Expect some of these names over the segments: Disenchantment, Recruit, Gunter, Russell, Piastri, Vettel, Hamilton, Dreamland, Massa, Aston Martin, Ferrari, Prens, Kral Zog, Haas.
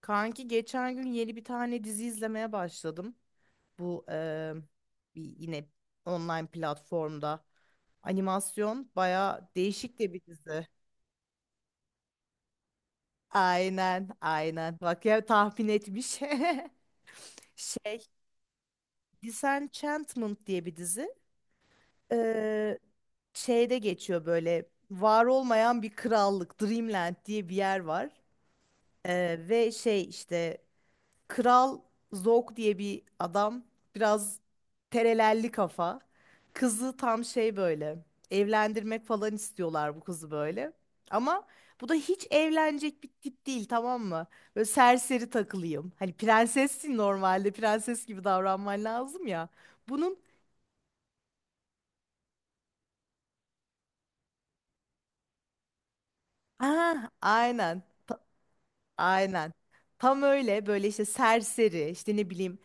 Kanki geçen gün yeni bir tane dizi izlemeye başladım. Bu bir yine online platformda animasyon baya değişik de bir dizi. Aynen, aynen. Bak ya tahmin etmiş. Şey, Disenchantment diye bir dizi. Eee, şeyde geçiyor böyle var olmayan bir krallık, Dreamland diye bir yer var. Ve şey işte Kral Zog diye bir adam biraz terelelli kafa. Kızı tam şey böyle evlendirmek falan istiyorlar bu kızı böyle. Ama bu da hiç evlenecek bir tip değil tamam mı? Böyle serseri takılayım. Hani prensessin normalde prenses gibi davranman lazım ya. Bunun ah aynen ta- aynen tam öyle böyle işte serseri işte ne bileyim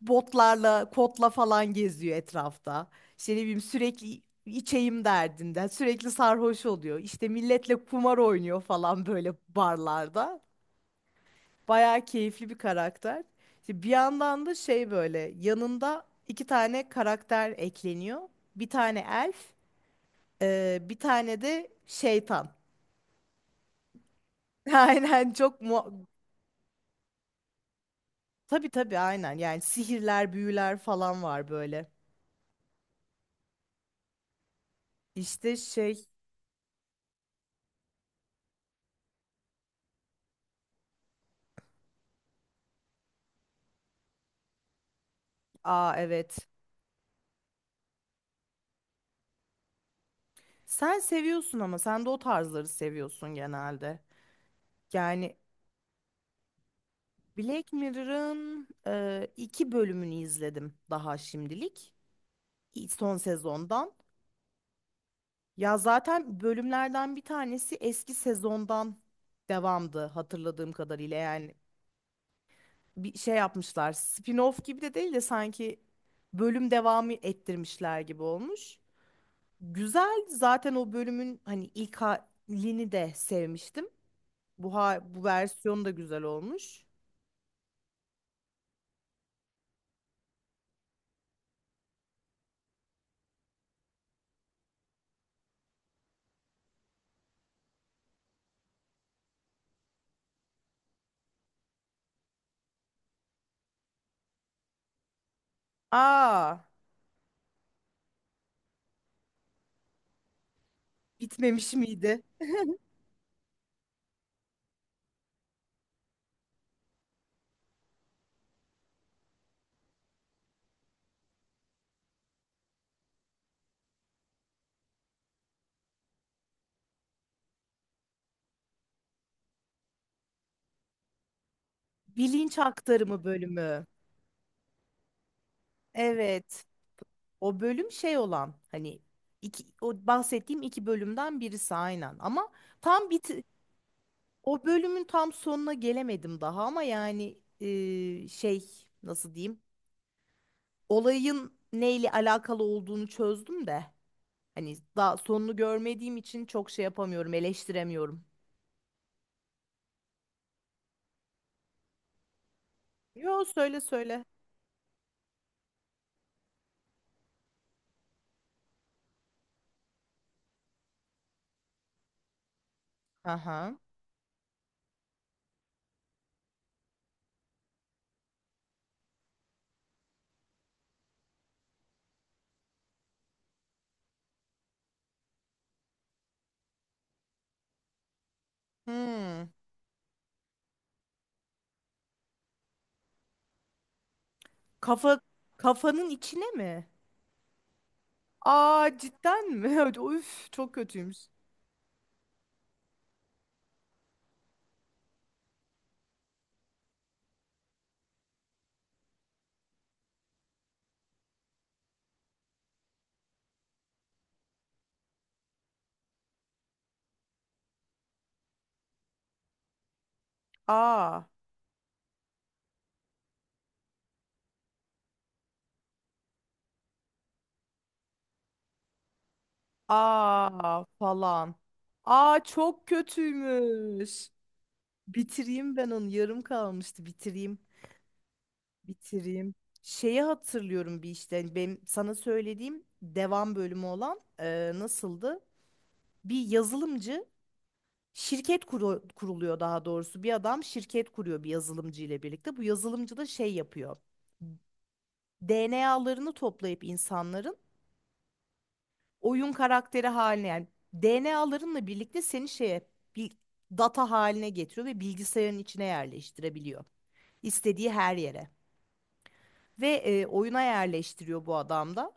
botlarla, kotla falan geziyor etrafta. İşte ne bileyim sürekli içeyim derdinde, sürekli sarhoş oluyor. İşte milletle kumar oynuyor falan böyle barlarda. Bayağı keyifli bir karakter. İşte bir yandan da şey böyle yanında iki tane karakter ekleniyor. Bir tane elf, bir tane de şeytan. Aynen çok mu tabii tabii aynen yani sihirler, büyüler falan var böyle. İşte şey, aa evet. Sen seviyorsun ama sen de o tarzları seviyorsun genelde. Yani Black Mirror'ın iki bölümünü izledim daha şimdilik. Son sezondan. Ya zaten bölümlerden bir tanesi eski sezondan devamdı hatırladığım kadarıyla. Yani bir şey yapmışlar. Spin-off gibi de değil de sanki bölüm devamı ettirmişler gibi olmuş. Güzel zaten o bölümün hani ilk halini de sevmiştim. Bu versiyon da güzel olmuş. Aa, bitmemiş miydi? Bilinç aktarımı bölümü. Evet. O bölüm şey olan hani iki, o bahsettiğim iki bölümden birisi aynen. Ama tam bit o bölümün tam sonuna gelemedim daha ama yani şey nasıl diyeyim? Olayın neyle alakalı olduğunu çözdüm de hani daha sonunu görmediğim için çok şey yapamıyorum, eleştiremiyorum. Yo söyle söyle. Aha. Hmm. Kafa kafanın içine mi? Aa cidden mi? Üf çok kötüymüş. Aa aa falan. Aa çok kötüymüş. Bitireyim ben onu. Yarım kalmıştı. Bitireyim. Bitireyim. Şeyi hatırlıyorum bir işte. Hani Benim sana söylediğim devam bölümü olan nasıldı? Bir yazılımcı kuruluyor daha doğrusu. Bir adam şirket kuruyor bir yazılımcı ile birlikte. Bu yazılımcı da şey yapıyor. DNA'larını toplayıp insanların oyun karakteri haline yani DNA'larınla birlikte seni şeye bir data haline getiriyor ve bilgisayarın içine yerleştirebiliyor. İstediği her yere. Ve oyuna yerleştiriyor bu adam da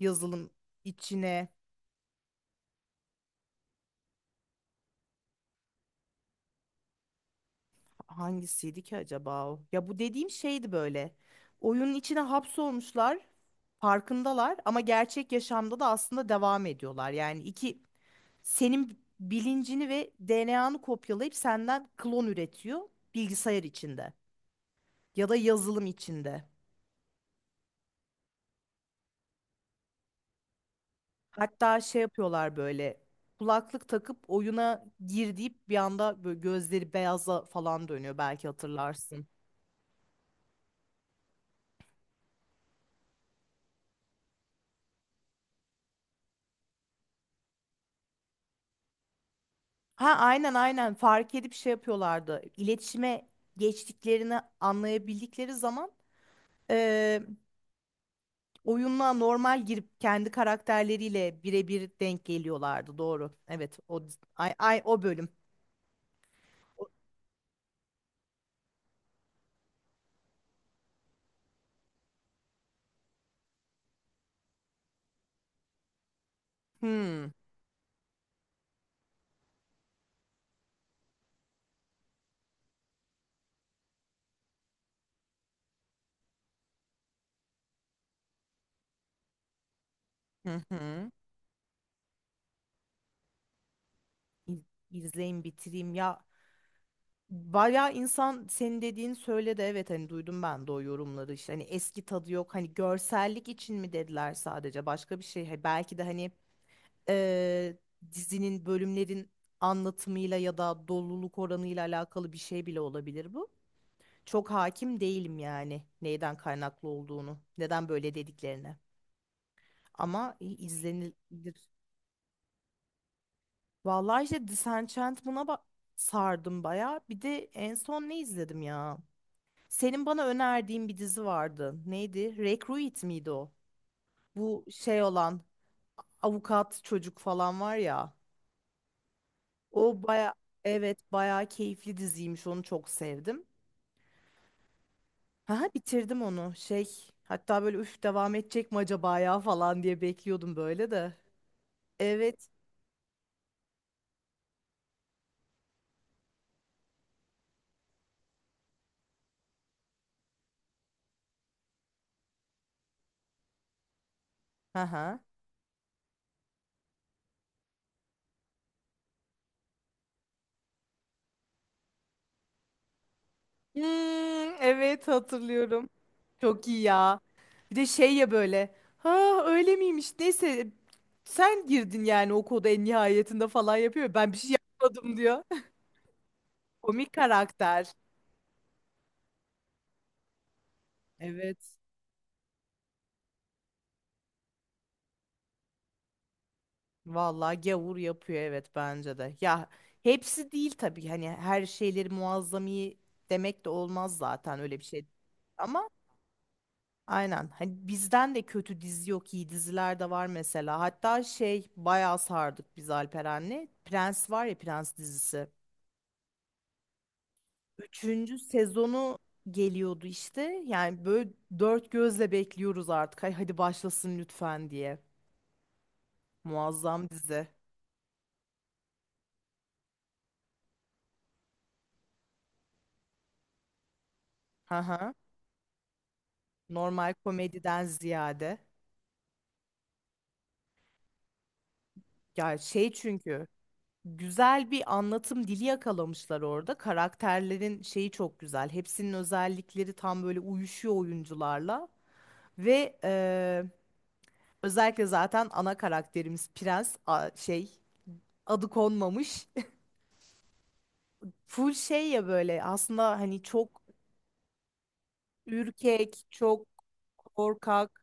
yazılım içine hangisiydi ki acaba o? Ya bu dediğim şeydi böyle. Oyunun içine hapsolmuşlar, farkındalar ama gerçek yaşamda da aslında devam ediyorlar. Yani iki senin bilincini ve DNA'nı kopyalayıp senden klon üretiyor bilgisayar içinde ya da yazılım içinde. Hatta şey yapıyorlar böyle kulaklık takıp oyuna gir deyip bir anda böyle gözleri beyaza falan dönüyor belki hatırlarsın. Ha aynen fark edip şey yapıyorlardı. İletişime geçtiklerini anlayabildikleri zaman eee oyunla normal girip kendi karakterleriyle birebir denk geliyorlardı. Doğru. Evet, o ay, ay o bölüm. Hmm. Hı hı. İz- İzleyeyim bitireyim ya. Bayağı insan senin dediğin söyledi evet hani duydum ben de o yorumları işte hani eski tadı yok hani görsellik için mi dediler sadece başka bir şey Hani belki de hani eee, dizinin bölümlerin anlatımıyla ya da doluluk oranıyla alakalı bir şey bile olabilir bu. Çok hakim değilim yani neyden kaynaklı olduğunu neden böyle dediklerine ama izlenilir Vallahi işte sardım bayağı. Bir de en son ne izledim ya? Senin bana önerdiğin bir dizi vardı. Neydi? Recruit miydi o? Bu şey olan avukat çocuk falan var ya. O baya evet bayağı keyifli diziymiş. Onu çok sevdim. Ha bitirdim onu. Şey hatta böyle üf devam edecek mi acaba ya falan diye bekliyordum böyle de. Evet. Aha. Hmm, evet hatırlıyorum. Çok iyi ya. Bir de şey ya böyle. Ha öyle miymiş? Neyse sen girdin yani o koda en nihayetinde falan yapıyor. Ben bir şey yapmadım diyor. Komik karakter. Evet. Vallahi gavur yapıyor evet bence de. Ya hepsi değil tabii hani her şeyleri muazzami demek de olmaz zaten öyle bir şey. Ama aynen hani bizden de kötü dizi yok iyi diziler de var mesela. Hatta şey bayağı sardık biz Alperen'le. Prens var ya Prens dizisi. Üçüncü sezonu geliyordu işte. Yani böyle dört gözle bekliyoruz artık. Hay hadi başlasın lütfen diye. Muazzam dizi. Hı hı. Normal komediden ziyade. Ya şey çünkü güzel bir anlatım dili yakalamışlar orada. Karakterlerin şeyi çok güzel. Hepsinin özellikleri tam böyle uyuşuyor oyuncularla. Ve özellikle zaten ana karakterimiz şey adı konmamış. Full şey ya böyle aslında hani çok Ürkek, çok korkak.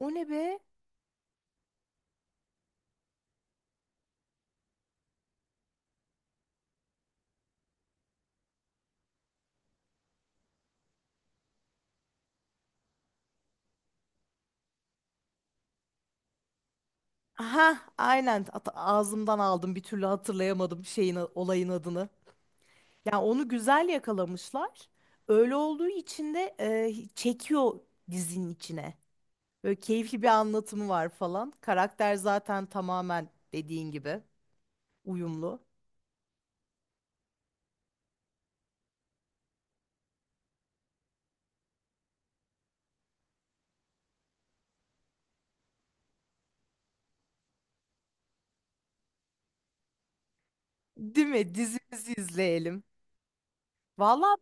O ne be? Aha, aynen. Ağzımdan aldım. Bir türlü hatırlayamadım şeyin olayın adını. Yani onu güzel yakalamışlar. Öyle olduğu için de çekiyor dizinin içine. Böyle keyifli bir anlatımı var falan. Karakter zaten tamamen dediğin gibi uyumlu. Değil mi? Dizimizi izleyelim. Valla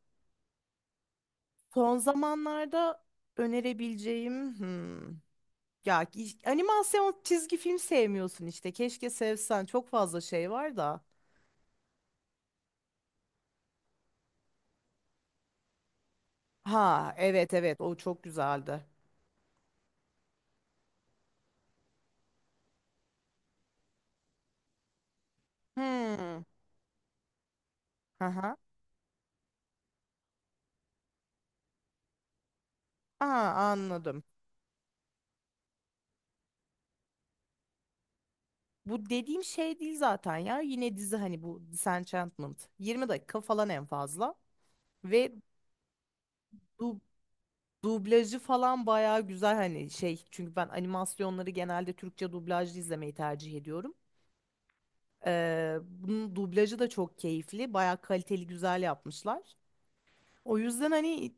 son zamanlarda önerebileceğim. Hmm, Ya animasyon çizgi film sevmiyorsun işte. Keşke sevsen. Çok fazla şey var da. Ha evet evet o çok güzeldi. Hmm. Aha. Aa, anladım. Bu dediğim şey değil zaten ya. Yine dizi hani bu Disenchantment. 20 dakika falan en fazla. Ve du dublajı falan bayağı güzel hani şey. Çünkü ben animasyonları genelde Türkçe dublajlı izlemeyi tercih ediyorum. Bunun dublajı da çok keyifli. Bayağı kaliteli güzel yapmışlar. O yüzden hani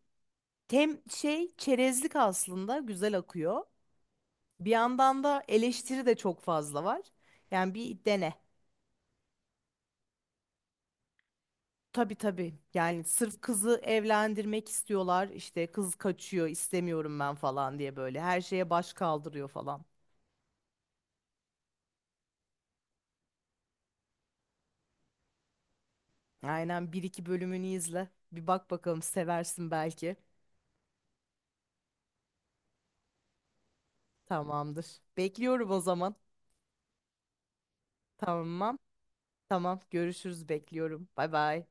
Tem şey çerezlik aslında güzel akıyor. Bir yandan da eleştiri de çok fazla var. Yani bir dene. Tabii tabii. Yani sırf kızı evlendirmek istiyorlar. İşte kız kaçıyor, istemiyorum ben falan diye böyle her şeye baş kaldırıyor falan. Aynen bir iki bölümünü izle. Bir bak bakalım seversin belki. Tamamdır. Bekliyorum o zaman. Tamam. Tamam. Görüşürüz. Bekliyorum. Bay bay.